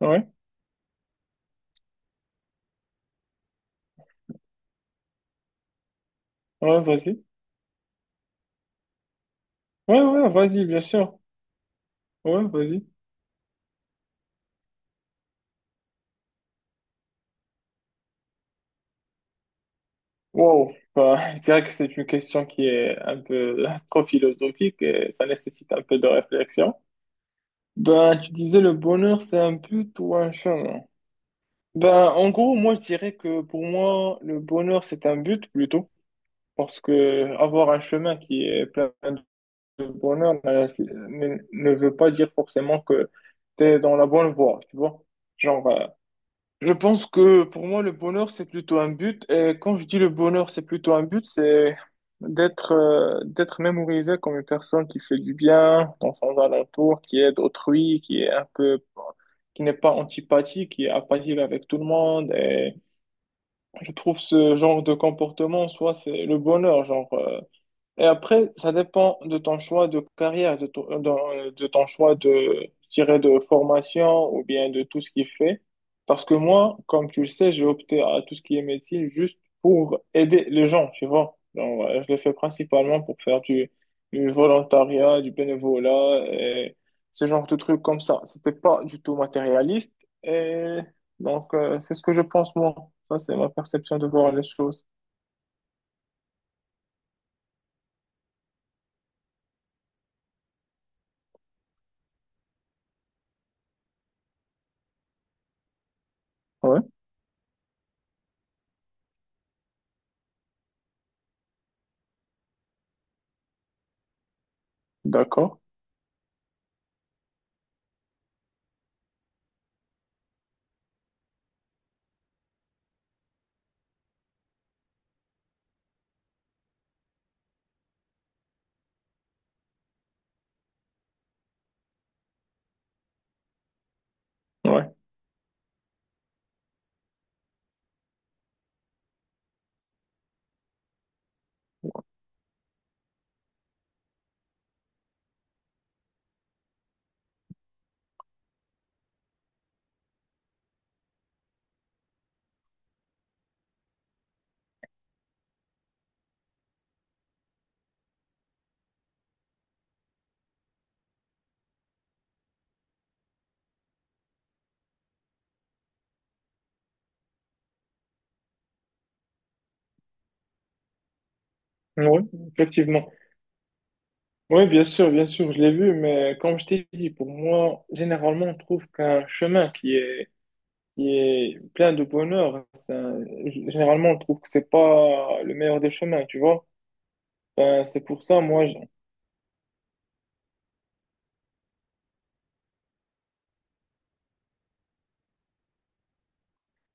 Ouais, ouais, vas-y. Ouais, ouais, vas-y, bien sûr. Ouais, vas-y. Wow. Bah, je dirais que c'est une question qui est un peu trop philosophique et ça nécessite un peu de réflexion. Ben, tu disais le bonheur, c'est un but ou un chemin? Ben, en gros, moi, je dirais que pour moi, le bonheur, c'est un but plutôt. Parce que avoir un chemin qui est plein de bonheur ben, ne veut pas dire forcément que tu es dans la bonne voie, tu vois. Genre, je pense que pour moi, le bonheur, c'est plutôt un but. Et quand je dis le bonheur, c'est plutôt un but, c'est d'être d'être mémorisé comme une personne qui fait du bien dans son alentour, qui aide autrui, qui est un peu, qui n'est pas antipathique, qui est apathique avec tout le monde. Et je trouve ce genre de comportement, soit c'est le bonheur, genre. Et après, ça dépend de ton choix de carrière, de ton, de ton choix de, je dirais, de formation ou bien de tout ce qu'il fait. Parce que moi, comme tu le sais, j'ai opté à tout ce qui est médecine juste pour aider les gens, tu vois. Donc, je le fais principalement pour faire du volontariat, du bénévolat et ce genre de trucs comme ça. C'était pas du tout matérialiste. Et donc, c'est ce que je pense, moi. Ça, c'est ma perception de voir les choses. Ouais, d'accord. Ouais. Oui, effectivement. Oui, bien sûr, je l'ai vu, mais comme je t'ai dit, pour moi, généralement, on trouve qu'un chemin qui est plein de bonheur, généralement, on trouve que c'est pas le meilleur des chemins, tu vois. Ben, c'est pour ça, moi, je...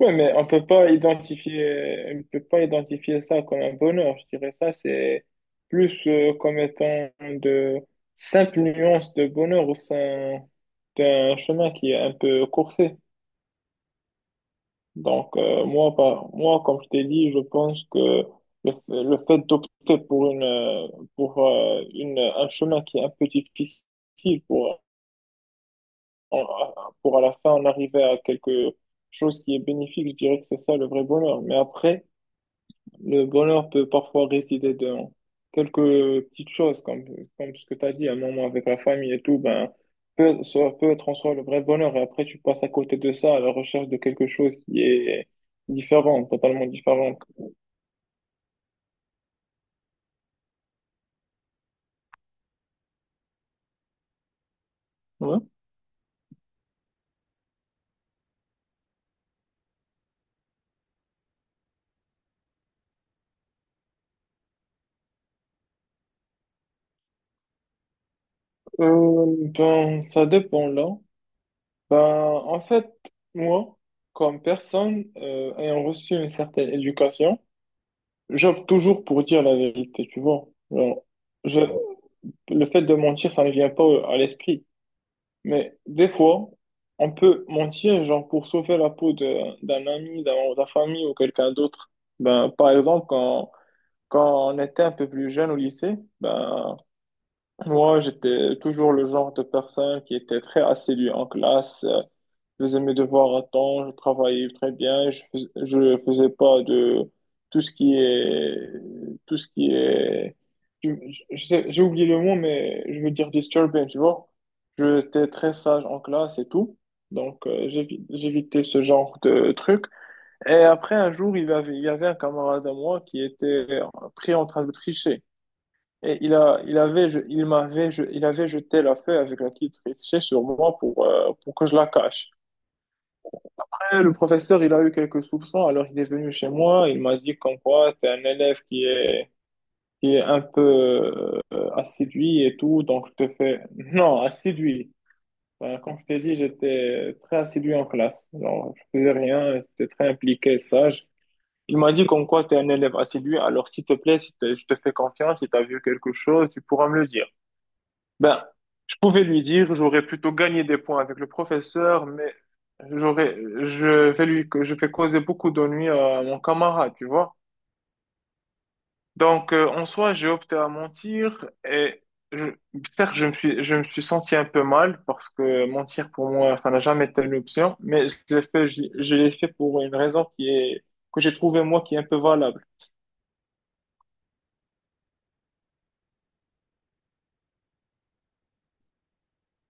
Ouais, mais on peut pas identifier, on peut pas identifier ça comme un bonheur. Je dirais ça, c'est plus comme étant de simples nuances de bonheur au sein d'un chemin qui est un peu coursé. Donc, moi, comme je t'ai dit, je pense que le, f- le fait d'opter pour un chemin qui est un peu difficile pour, en- pour à la fin en arriver à quelque chose qui est bénéfique, je dirais que c'est ça le vrai bonheur. Mais après, le bonheur peut parfois résider dans quelques petites choses, comme, comme ce que tu as dit, un moment avec la famille et tout, ben, peut, ça peut être en soi le vrai bonheur. Et après, tu passes à côté de ça, à la recherche de quelque chose qui est différent, totalement différent. Ouais. Ben, ça dépend là. Ben, en fait, moi, comme personne ayant reçu une certaine éducation, j'opte toujours pour dire la vérité, tu vois. Genre, je, le fait de mentir, ça ne me vient pas à l'esprit. Mais des fois, on peut mentir, genre, pour sauver la peau d'un ami, d'un membre de la famille ou quelqu'un d'autre. Ben, par exemple, quand, quand on était un peu plus jeune au lycée, ben, moi, j'étais toujours le genre de personne qui était très assidue en classe. Je faisais mes devoirs à temps, je travaillais très bien, je faisais pas de tout ce qui est tout ce qui est je- je sais- j'ai oublié le mot mais je veux dire disturbing, tu vois. J'étais très sage en classe et tout. Donc j'évitais ce genre de truc. Et après un jour, il y avait un camarade à moi qui était pris en train de tricher. Et il a, il avait, je- il m'avait, je- il avait jeté la feuille avec laquelle il trichait sur moi pour que je la cache. Eh, le professeur, il a eu quelques soupçons, alors il est venu chez moi, il m'a dit comme quoi t'es un élève qui est un peu assidu et tout, donc je te fais... Non, assidu. Ben, comme je t'ai dit, j'étais très assidu en classe. Genre, je faisais rien, j'étais très impliqué, sage. Il m'a dit comme quoi t'es un élève assidu, alors s'il te plaît, si t'es- je te fais confiance, si t'as vu quelque chose, tu pourras me le dire. Ben, je pouvais lui dire, j'aurais plutôt gagné des points avec le professeur, mais j'aurais, je je fais causer beaucoup d'ennuis à mon camarade, tu vois. Donc, en soi, j'ai opté à mentir et je, certes, je me suis senti un peu mal parce que mentir pour moi, ça n'a jamais été une option, mais je l'ai fait, je l'ai fait pour une raison qui est, que j'ai trouvé moi qui est un peu valable.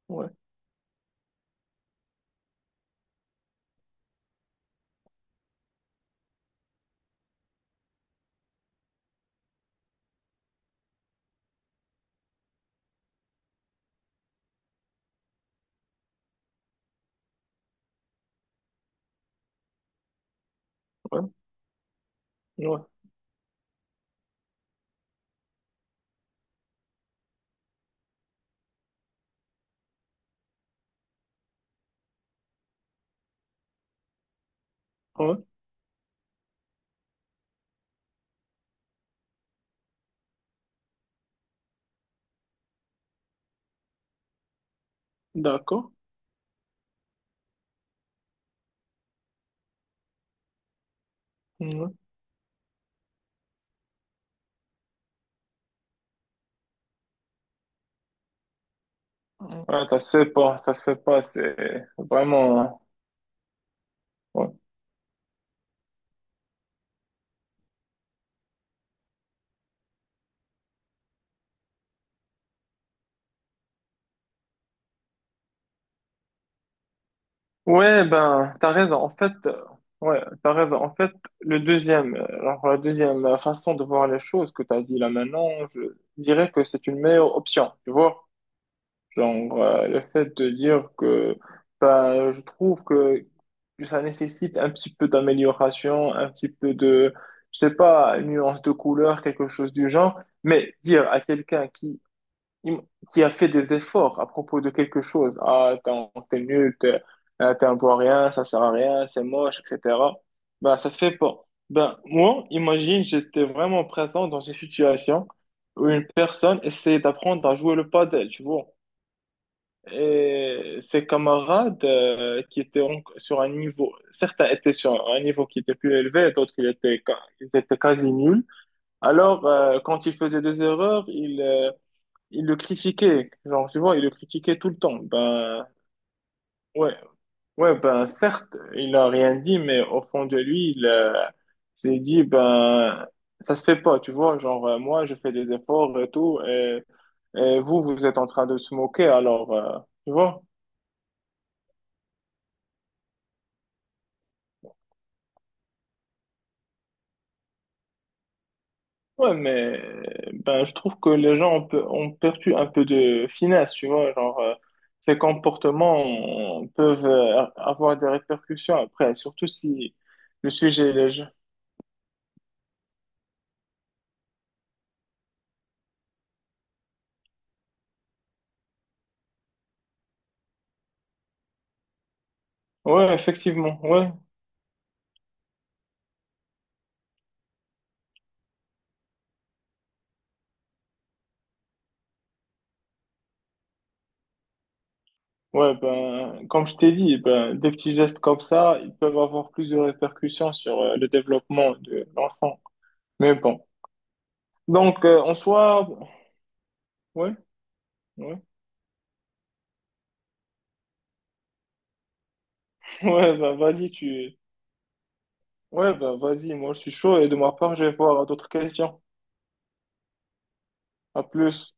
Ouais, ouais, ouais, ouais, d'accord. Ouais. Ouais, ça se fait pas, ça se fait pas, c'est vraiment. Ouais, ouais, ben, t'as raison. En fait, ouais, t'as raison. En fait, la deuxième façon de voir les choses que t'as dit là maintenant, je dirais que c'est une meilleure option, tu vois? Genre, le fait de dire que, ben, je trouve que ça nécessite un petit peu d'amélioration, un petit peu de, je sais pas, une nuance de couleur, quelque chose du genre. Mais dire à quelqu'un im- qui a fait des efforts à propos de quelque chose. Ah, t'es nul, t'es t'es un bon à rien, ça sert à rien, c'est moche, etc. Ben, ça se fait pas. Ben, moi, imagine, j'étais vraiment présent dans une situation où une personne essayait d'apprendre à jouer le padel, tu vois. Et ses camarades qui étaient sur un niveau, certains étaient sur un niveau qui était plus élevé, d'autres ils étaient, ils étaient quasi nuls. Alors, quand ils faisaient des erreurs, ils il le critiquait, genre, tu vois, il le critiquait tout le temps. Ben, ouais, ouais, ben, certes, il a rien dit, mais au fond de lui, il s'est dit, ben, ça se fait pas, tu vois, genre, moi, je fais des efforts et tout, et vous, vous êtes en train de se moquer, alors, tu vois. Ouais, mais, ben, je trouve que les gens ont perdu un peu de finesse, tu vois, genre, ces comportements peuvent avoir des répercussions après, surtout si le sujet est léger. Ouais, effectivement, ouais. Ouais, ben, comme je t'ai dit, ben, des petits gestes comme ça, ils peuvent avoir plus de répercussions sur le développement de l'enfant. Mais bon. Donc, en soi, ouais, ouais, ouais, ben, ouais, ben, vas-y, moi, je suis chaud et de ma part, je vais voir d'autres questions. À plus.